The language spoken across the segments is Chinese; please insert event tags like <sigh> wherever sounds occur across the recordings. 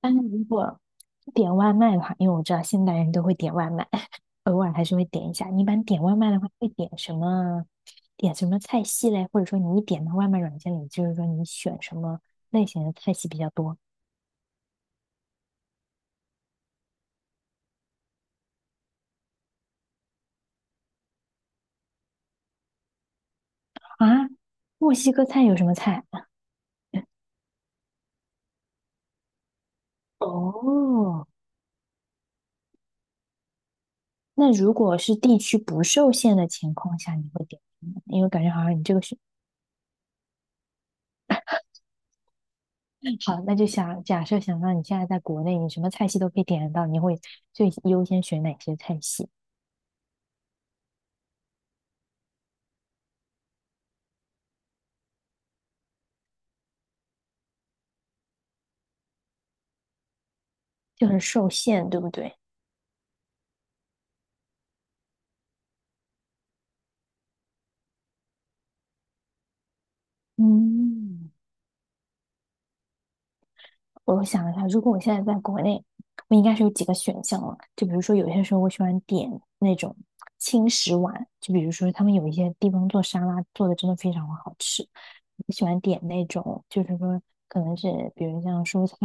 但是如果点外卖的话，因为我知道现代人都会点外卖，偶尔还是会点一下。你一般点外卖的话，会点什么？点什么菜系嘞？或者说你一点到外卖软件里，就是说你选什么类型的菜系比较多啊？墨西哥菜有什么菜？<laughs> 哦，那如果是地区不受限的情况下，你会点什么？因为感觉好像你这个是。好，那就想假设想让你现在在国内，你什么菜系都可以点得到，你会最优先选哪些菜系？就很受限，对不对？嗯，我想一下，如果我现在在国内，我应该是有几个选项了。就比如说，有些时候我喜欢点那种轻食碗，就比如说他们有一些地方做沙拉做的真的非常好吃。我喜欢点那种，就是说可能是比如像蔬菜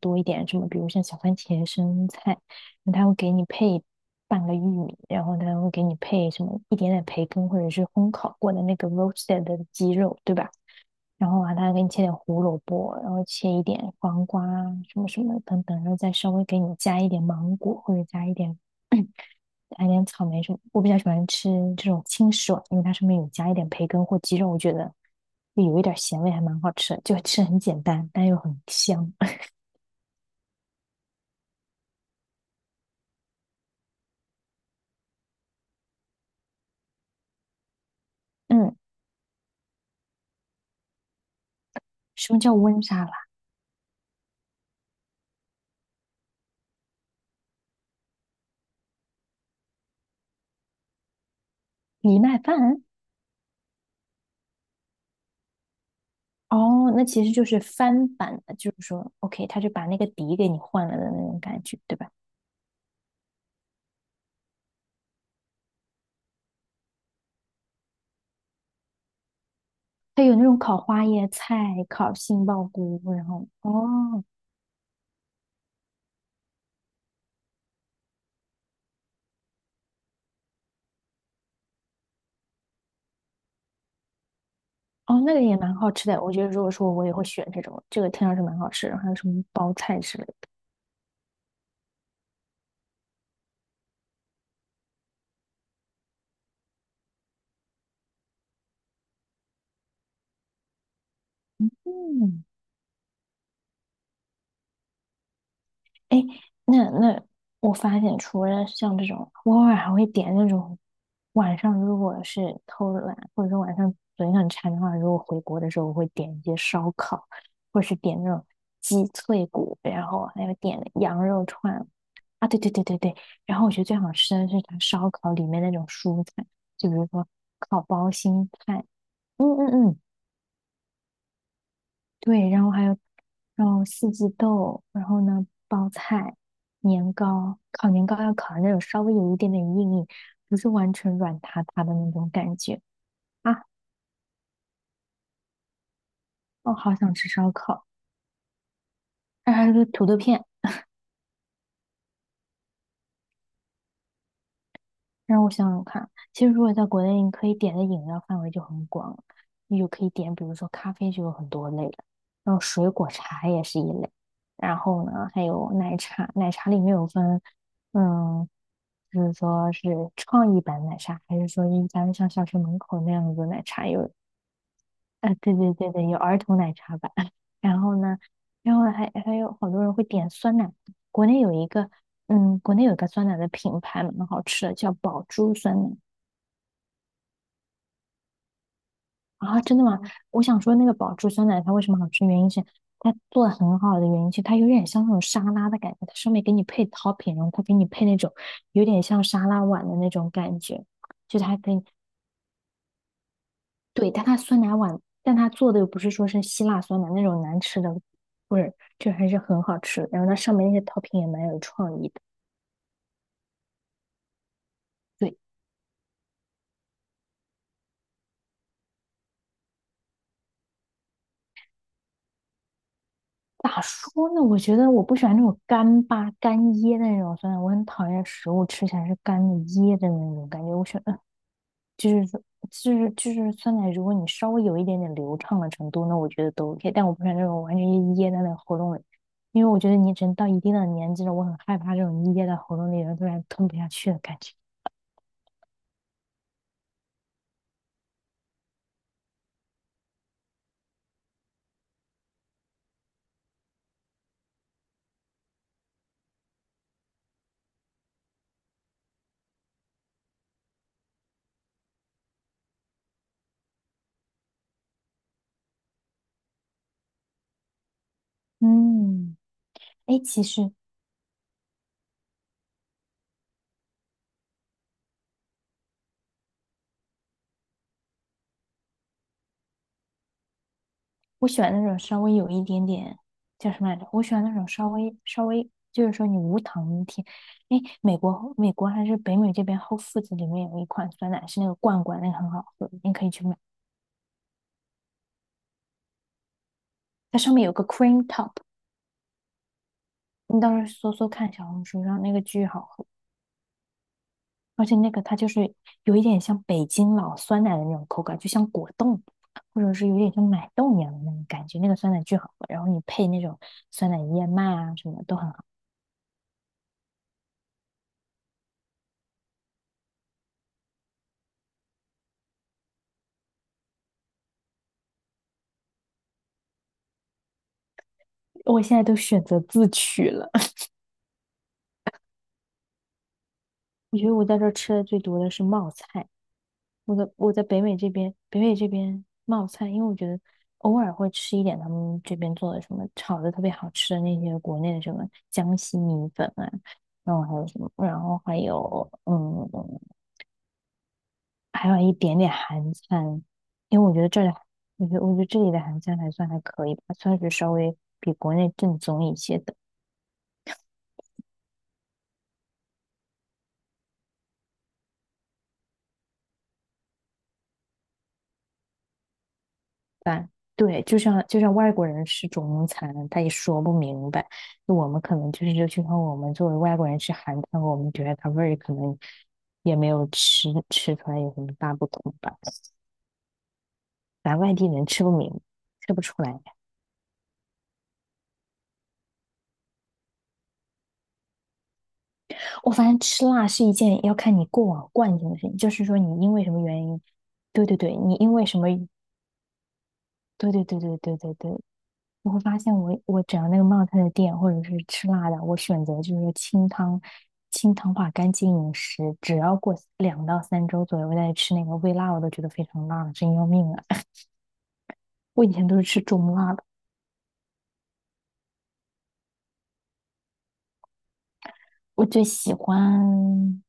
多一点，什么比如像小番茄、生菜，那他会给你配半个玉米，然后他会给你配什么一点点培根或者是烘烤过的那个 roasted 的鸡肉，对吧？然后啊，他给你切点胡萝卜，然后切一点黄瓜啊什么什么等等，然后再稍微给你加一点芒果或者加一点 <clears throat> 加一点草莓什么。我比较喜欢吃这种清爽，因为它上面有加一点培根或鸡肉，我觉得就有一点咸味，还蛮好吃的，就吃很简单，但又很香。<clears throat> 嗯，什么叫温沙拉？藜麦饭？哦，那其实就是翻版的，就是说，OK，他就把那个底给你换了的那种感觉，对吧？它有那种烤花椰菜、烤杏鲍菇，然后哦。哦，那个也蛮好吃的。我觉得如果说我也会选这种，这个听上去蛮好吃。然后还有什么包菜之类的，嗯，哎，那我发现，除了像这种，我偶尔还会点那种晚上，如果是偷懒，或者说晚上嘴很馋的话，如果回国的时候，我会点一些烧烤，或是点那种鸡脆骨，然后还有点羊肉串。啊，对对对对对，然后我觉得最好吃的是它烧烤里面那种蔬菜，就比如说烤包心菜，嗯嗯嗯，对，然后还有，然后四季豆，然后呢，包菜、年糕，烤年糕要烤的那种稍微有一点点硬硬，不是完全软塌塌的那种感觉啊！我好想吃烧烤，<laughs> 还有个土豆片，让我想想看，其实如果在国内，你可以点的饮料范围就很广，你就可以点，比如说咖啡就有很多类了，然后水果茶也是一类，然后呢，还有奶茶，奶茶里面有分，嗯，就是说是创意版奶茶，还是说一般像小学门口那样子的奶茶有，啊、对对对对，有儿童奶茶版，<laughs> 然后呢，然后还有好多人会点酸奶，国内有一个。嗯，国内有一个酸奶的品牌蛮好吃的，叫宝珠酸奶。啊，真的吗？我想说那个宝珠酸奶它为什么好吃，原因是它做的很好的原因是它有点像那种沙拉的感觉，它上面给你配 topping，然后它给你配那种有点像沙拉碗的那种感觉，就它给你对，但它酸奶碗，但它做的又不是说是希腊酸奶那种难吃的味儿，就还是很好吃的，然后它上面那些 topping 也蛮有创意的。对，咋说呢？我觉得我不喜欢那种干巴干噎的那种酸奶，我很讨厌食物吃起来是干的噎的那种感觉，我喜欢。就是说，就是酸奶，如果你稍微有一点点流畅的程度，那我觉得都 OK。但我不喜欢那种完全噎在那个喉咙里，因为我觉得你只能到一定的年纪了，我很害怕这种噎在喉咙里，然后突然吞不下去的感觉。嗯，哎，其实我喜欢那种稍微有一点点叫什么来着？我喜欢那种稍微稍微，就是说你无糖甜。哎，美国还是北美这边 w h 子里面有一款酸奶是那个罐罐，那个很好喝，你可以去买。它上面有个 cream top，你到时候搜搜看小红书上那个巨好喝，而且那个它就是有一点像北京老酸奶的那种口感，就像果冻，或者是有点像奶冻一样的那种感觉。那个酸奶巨好喝，然后你配那种酸奶燕麦啊什么都很好。我现在都选择自取了。<laughs> 我觉得我在这儿吃的最多的是冒菜，我在北美这边，北美这边冒菜，因为我觉得偶尔会吃一点他们这边做的什么炒的特别好吃的那些国内的什么江西米粉啊，然后还有什么，然后还有还有一点点韩餐，因为我觉得这里，我觉得这里的韩餐还算还可以吧，算是稍微比国内正宗一些，的。白，对，就像外国人吃中餐，他也说不明白。就我们可能就是，就像我们作为外国人吃韩餐，我们觉得它味儿可能也没有吃出来有什么大不同吧。咱外地人吃不明，吃不出来。我发现吃辣是一件要看你过往惯性的事情，就是说你因为什么原因，对对对，你因为什么，对对对对对对对，我会发现我只要那个冒菜的店或者是吃辣的，我选择就是清汤，清汤化干净饮食，只要过2到3周左右我再吃那个微辣，我都觉得非常辣了真要命啊！<laughs> 我以前都是吃中辣的，我最喜欢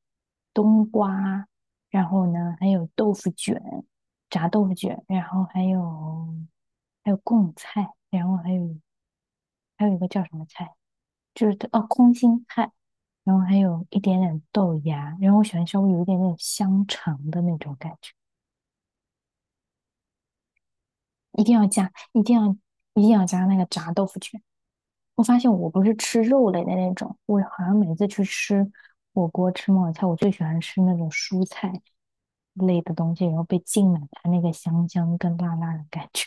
冬瓜，然后呢还有豆腐卷，炸豆腐卷，然后还有贡菜，然后还有一个叫什么菜？就是哦，空心菜，然后还有一点点豆芽，然后我喜欢稍微有一点点香肠的那种感觉，一定要加，一定要加那个炸豆腐卷。我发现我不是吃肉类的那种，我好像每次去吃火锅、吃冒菜，我最喜欢吃那种蔬菜类的东西，然后被浸满它那个香香跟辣辣的感觉。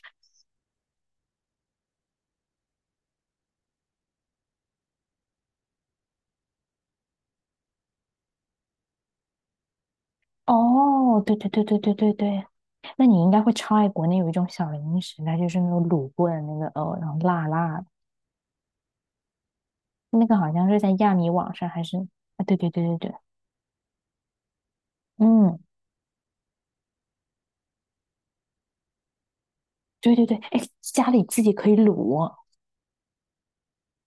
哦，对对对对对对对。那你应该会超爱国内有一种小零食，它就是那种卤过的那个然后辣辣的。那个好像是在亚米网上还是啊？对对对对对，嗯，对对对，哎，家里自己可以卤，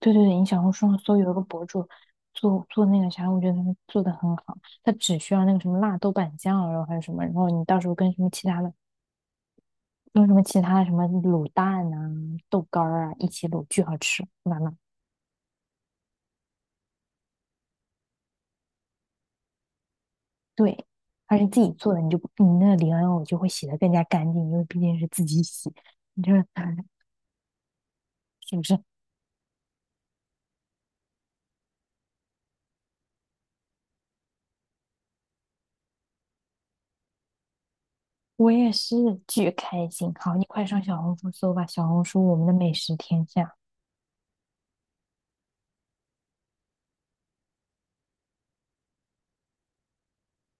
对对对，你小红书上搜有一个博主做做那个啥，我觉得他们做的很好，他只需要那个什么辣豆瓣酱啊，然后还有什么，然后你到时候跟什么其他的，用什么其他的什么卤蛋啊、豆干儿啊一起卤，巨好吃，妈妈。对，而且自己做的，你那个莲藕就会洗的更加干净，因为毕竟是自己洗，你这 <laughs> 是不是？我也是巨开心。好，你快上小红书搜吧，小红书我们的美食天下。